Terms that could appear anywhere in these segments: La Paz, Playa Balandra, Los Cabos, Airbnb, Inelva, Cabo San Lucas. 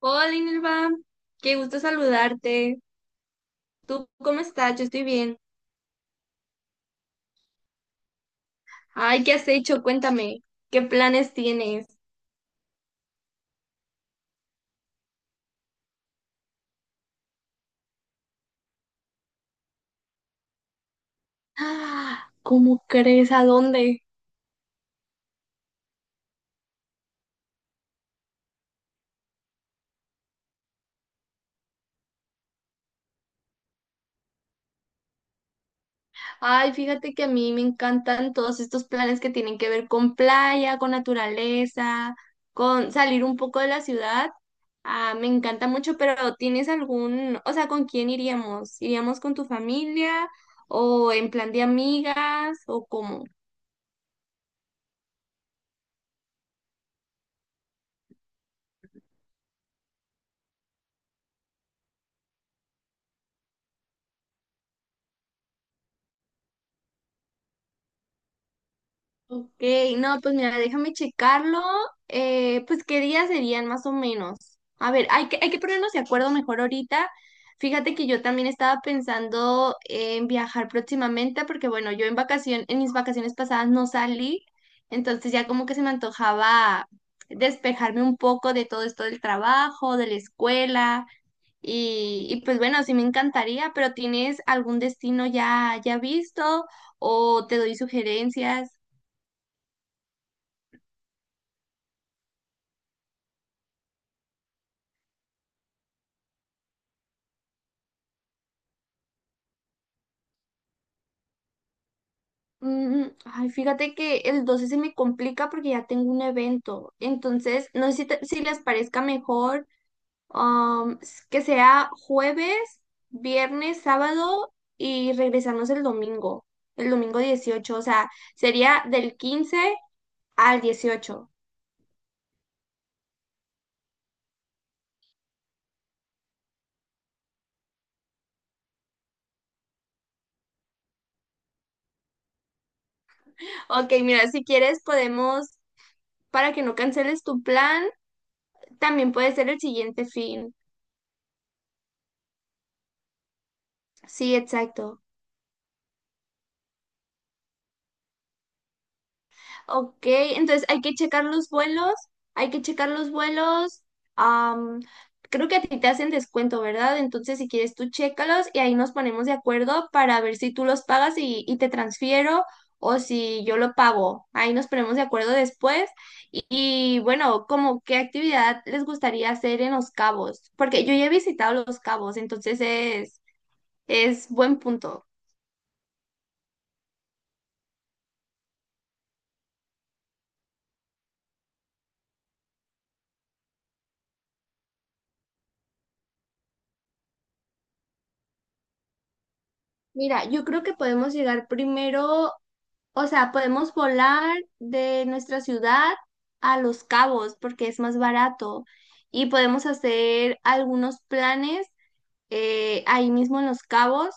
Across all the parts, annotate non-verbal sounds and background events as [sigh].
Hola, Inelva. Qué gusto saludarte. ¿Tú cómo estás? Yo estoy bien. Ay, ¿qué has hecho? Cuéntame. ¿Qué planes tienes? Ah, ¿cómo crees? ¿A dónde? Ay, fíjate que a mí me encantan todos estos planes que tienen que ver con playa, con naturaleza, con salir un poco de la ciudad. Ah, me encanta mucho, pero ¿tienes algún, o sea, con quién iríamos? ¿Iríamos con tu familia o en plan de amigas o cómo? Ok, no, pues mira, déjame checarlo. Pues qué días serían más o menos. A ver, hay que ponernos de acuerdo mejor ahorita. Fíjate que yo también estaba pensando en viajar próximamente, porque bueno, en mis vacaciones pasadas no salí, entonces ya como que se me antojaba despejarme un poco de todo esto del trabajo, de la escuela, y pues bueno, sí me encantaría, pero ¿tienes algún destino ya visto o te doy sugerencias? Mm, ay, fíjate que el 12 se me complica porque ya tengo un evento. Entonces, no sé si les parezca mejor que sea jueves, viernes, sábado y regresarnos el domingo 18. O sea, sería del 15 al 18. Ok, mira, si quieres podemos, para que no canceles tu plan, también puede ser el siguiente fin. Sí, exacto. Ok, entonces hay que checar los vuelos, hay que checar los vuelos. am, creo que a ti te hacen descuento, ¿verdad? Entonces, si quieres, tú chécalos y ahí nos ponemos de acuerdo para ver si tú los pagas y te transfiero o si yo lo pago. Ahí nos ponemos de acuerdo después. Bueno, como qué actividad les gustaría hacer en Los Cabos, porque yo ya he visitado Los Cabos, entonces es buen punto. Mira, yo creo que podemos llegar primero. O sea, podemos volar de nuestra ciudad a Los Cabos porque es más barato y podemos hacer algunos planes ahí mismo en Los Cabos.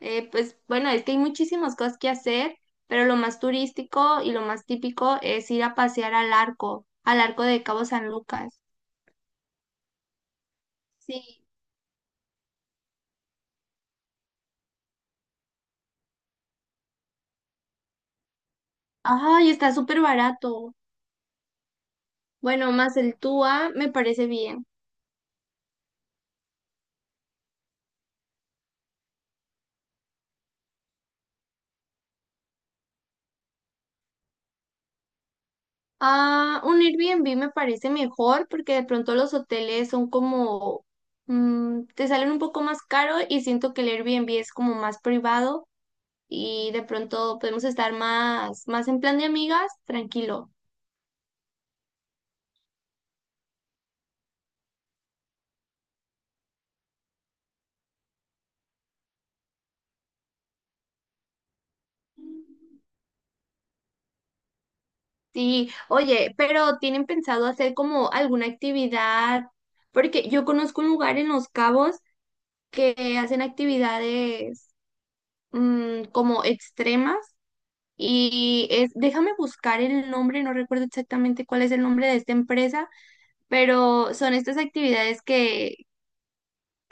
Pues bueno, es que hay muchísimas cosas que hacer, pero lo más turístico y lo más típico es ir a pasear al arco de Cabo San Lucas. Sí. Ay, está súper barato. Bueno, más el TUA me parece bien. Ah, un Airbnb me parece mejor porque de pronto los hoteles son como, mm, te salen un poco más caro y siento que el Airbnb es como más privado y de pronto podemos estar más en plan de amigas, tranquilo. Sí, oye, pero ¿tienen pensado hacer como alguna actividad? Porque yo conozco un lugar en Los Cabos que hacen actividades, mm, como extremas. Déjame buscar el nombre, no recuerdo exactamente cuál es el nombre de esta empresa, pero son estas actividades que,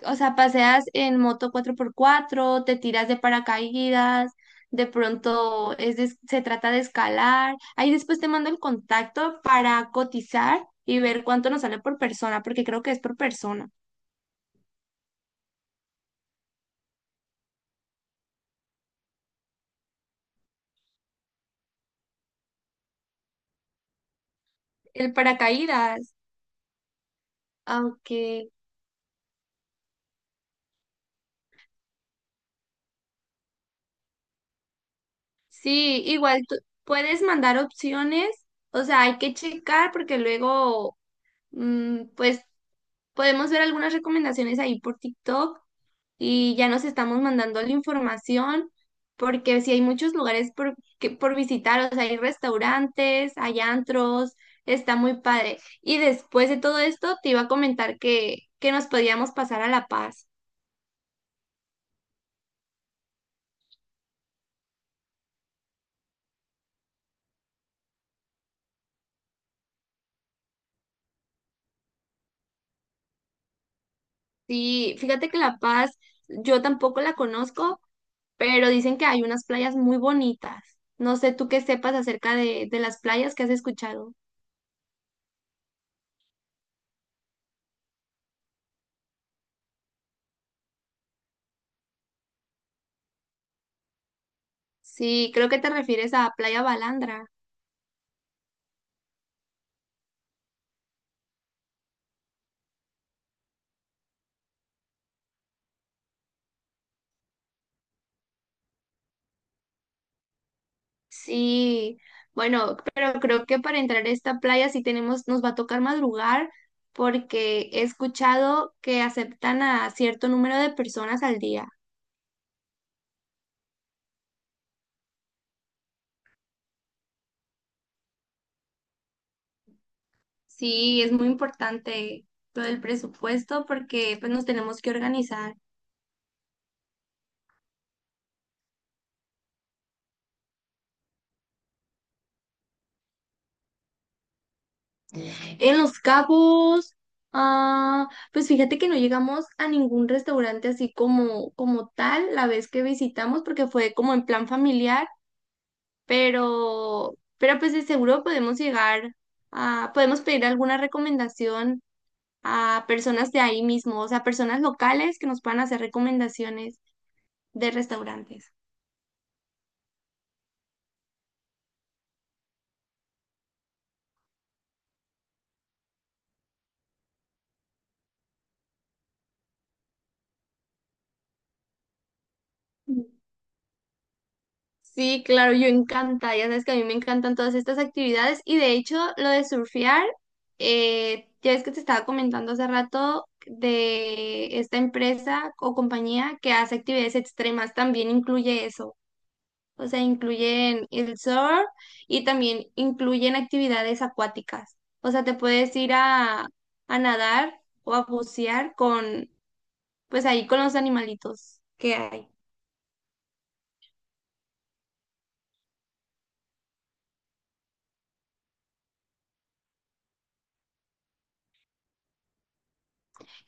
o sea, paseas en moto 4x4, te tiras de paracaídas, de pronto es de- se trata de escalar. Ahí después te mando el contacto para cotizar y ver cuánto nos sale por persona, porque creo que es por persona. El paracaídas, aunque sí, igual tú puedes mandar opciones. O sea, hay que checar porque luego... Mm, pues podemos ver algunas recomendaciones ahí por TikTok y ya nos estamos mandando la información porque sí hay muchos lugares por visitar, o sea, hay restaurantes, hay antros, está muy padre. Y después de todo esto te iba a comentar que nos podíamos pasar a La Paz. Sí, fíjate que La Paz yo tampoco la conozco, pero dicen que hay unas playas muy bonitas. No sé tú qué sepas acerca de las playas que has escuchado. Sí, creo que te refieres a Playa Balandra. Sí, bueno, pero creo que para entrar a esta playa sí tenemos, nos va a tocar madrugar porque he escuchado que aceptan a cierto número de personas al día. Sí, es muy importante lo del presupuesto porque pues nos tenemos que organizar. En Los Cabos, ah, pues fíjate que no llegamos a ningún restaurante así como, como tal la vez que visitamos porque fue como en plan familiar, pero pues de seguro podemos llegar a, podemos pedir alguna recomendación a personas de ahí mismo, o sea, personas locales que nos puedan hacer recomendaciones de restaurantes. Mm. Sí, claro, yo encantada, ya sabes que a mí me encantan todas estas actividades y de hecho lo de surfear, ya ves que te estaba comentando hace rato de esta empresa o compañía que hace actividades extremas, también incluye eso. O sea, incluyen el surf y también incluyen actividades acuáticas. O sea, te puedes ir a nadar o a bucear pues ahí con los animalitos que hay.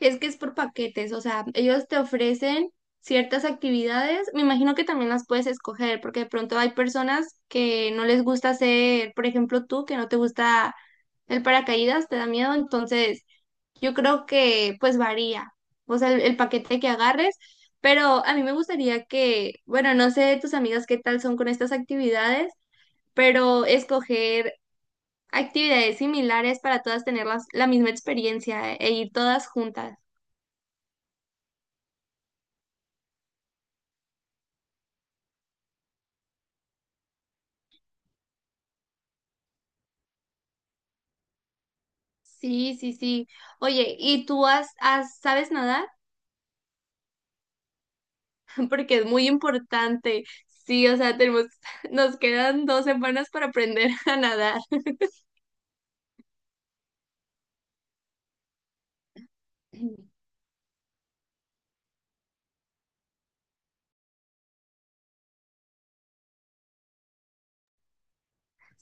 Es que es por paquetes, o sea, ellos te ofrecen ciertas actividades. Me imagino que también las puedes escoger, porque de pronto hay personas que no les gusta hacer, por ejemplo, tú, que no te gusta el paracaídas, te da miedo, entonces... Yo creo que pues varía, o sea, el paquete que agarres, pero a mí me gustaría que, bueno, no sé tus amigas qué tal son con estas actividades, pero escoger actividades similares para todas tener la misma experiencia e ir todas juntas. Sí, sí, sí. Oye, ¿y tú sabes nadar? [laughs] Porque es muy importante. Sí, o sea, [laughs] nos quedan 2 semanas para aprender [laughs] a nadar.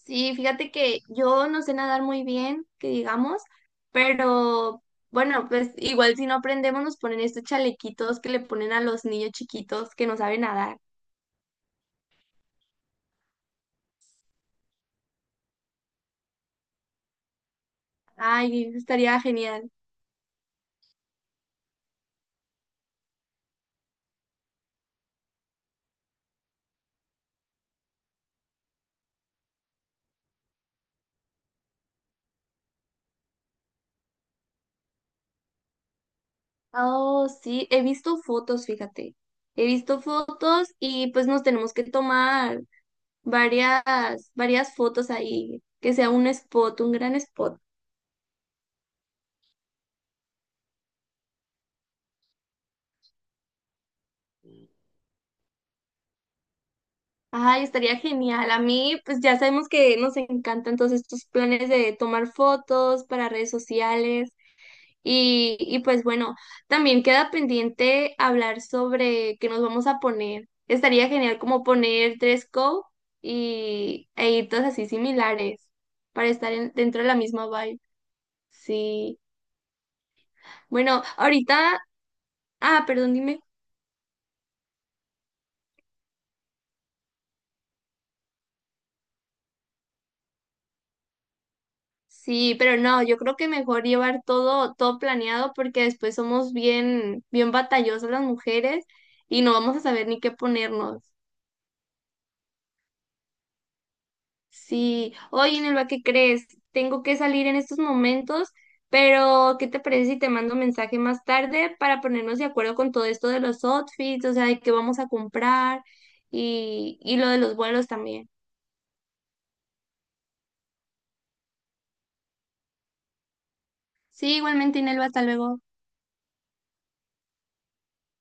Sí, fíjate que yo no sé nadar muy bien, que digamos, pero bueno, pues igual si no aprendemos nos ponen estos chalequitos que le ponen a los niños chiquitos que no saben nadar. Ay, estaría genial. Oh, sí, he visto fotos, fíjate. He visto fotos y pues nos tenemos que tomar varias, varias fotos ahí, que sea un spot, un gran spot. Ay, estaría genial. A mí, pues ya sabemos que nos encantan todos estos planes de tomar fotos para redes sociales. Pues bueno, también queda pendiente hablar sobre qué nos vamos a poner. Estaría genial como poner dress code e ir todas así similares para estar dentro de la misma vibe. Sí. Bueno, ahorita, ah, perdón, dime. Sí, pero no, yo creo que mejor llevar todo, todo planeado porque después somos bien, bien batallosas las mujeres y no vamos a saber ni qué ponernos. Sí, oye, Nelva, ¿qué crees? Tengo que salir en estos momentos, pero ¿qué te parece si te mando un mensaje más tarde para ponernos de acuerdo con todo esto de los outfits, o sea, de qué vamos a comprar y lo de los vuelos también? Sí, igualmente, Nelva, hasta luego.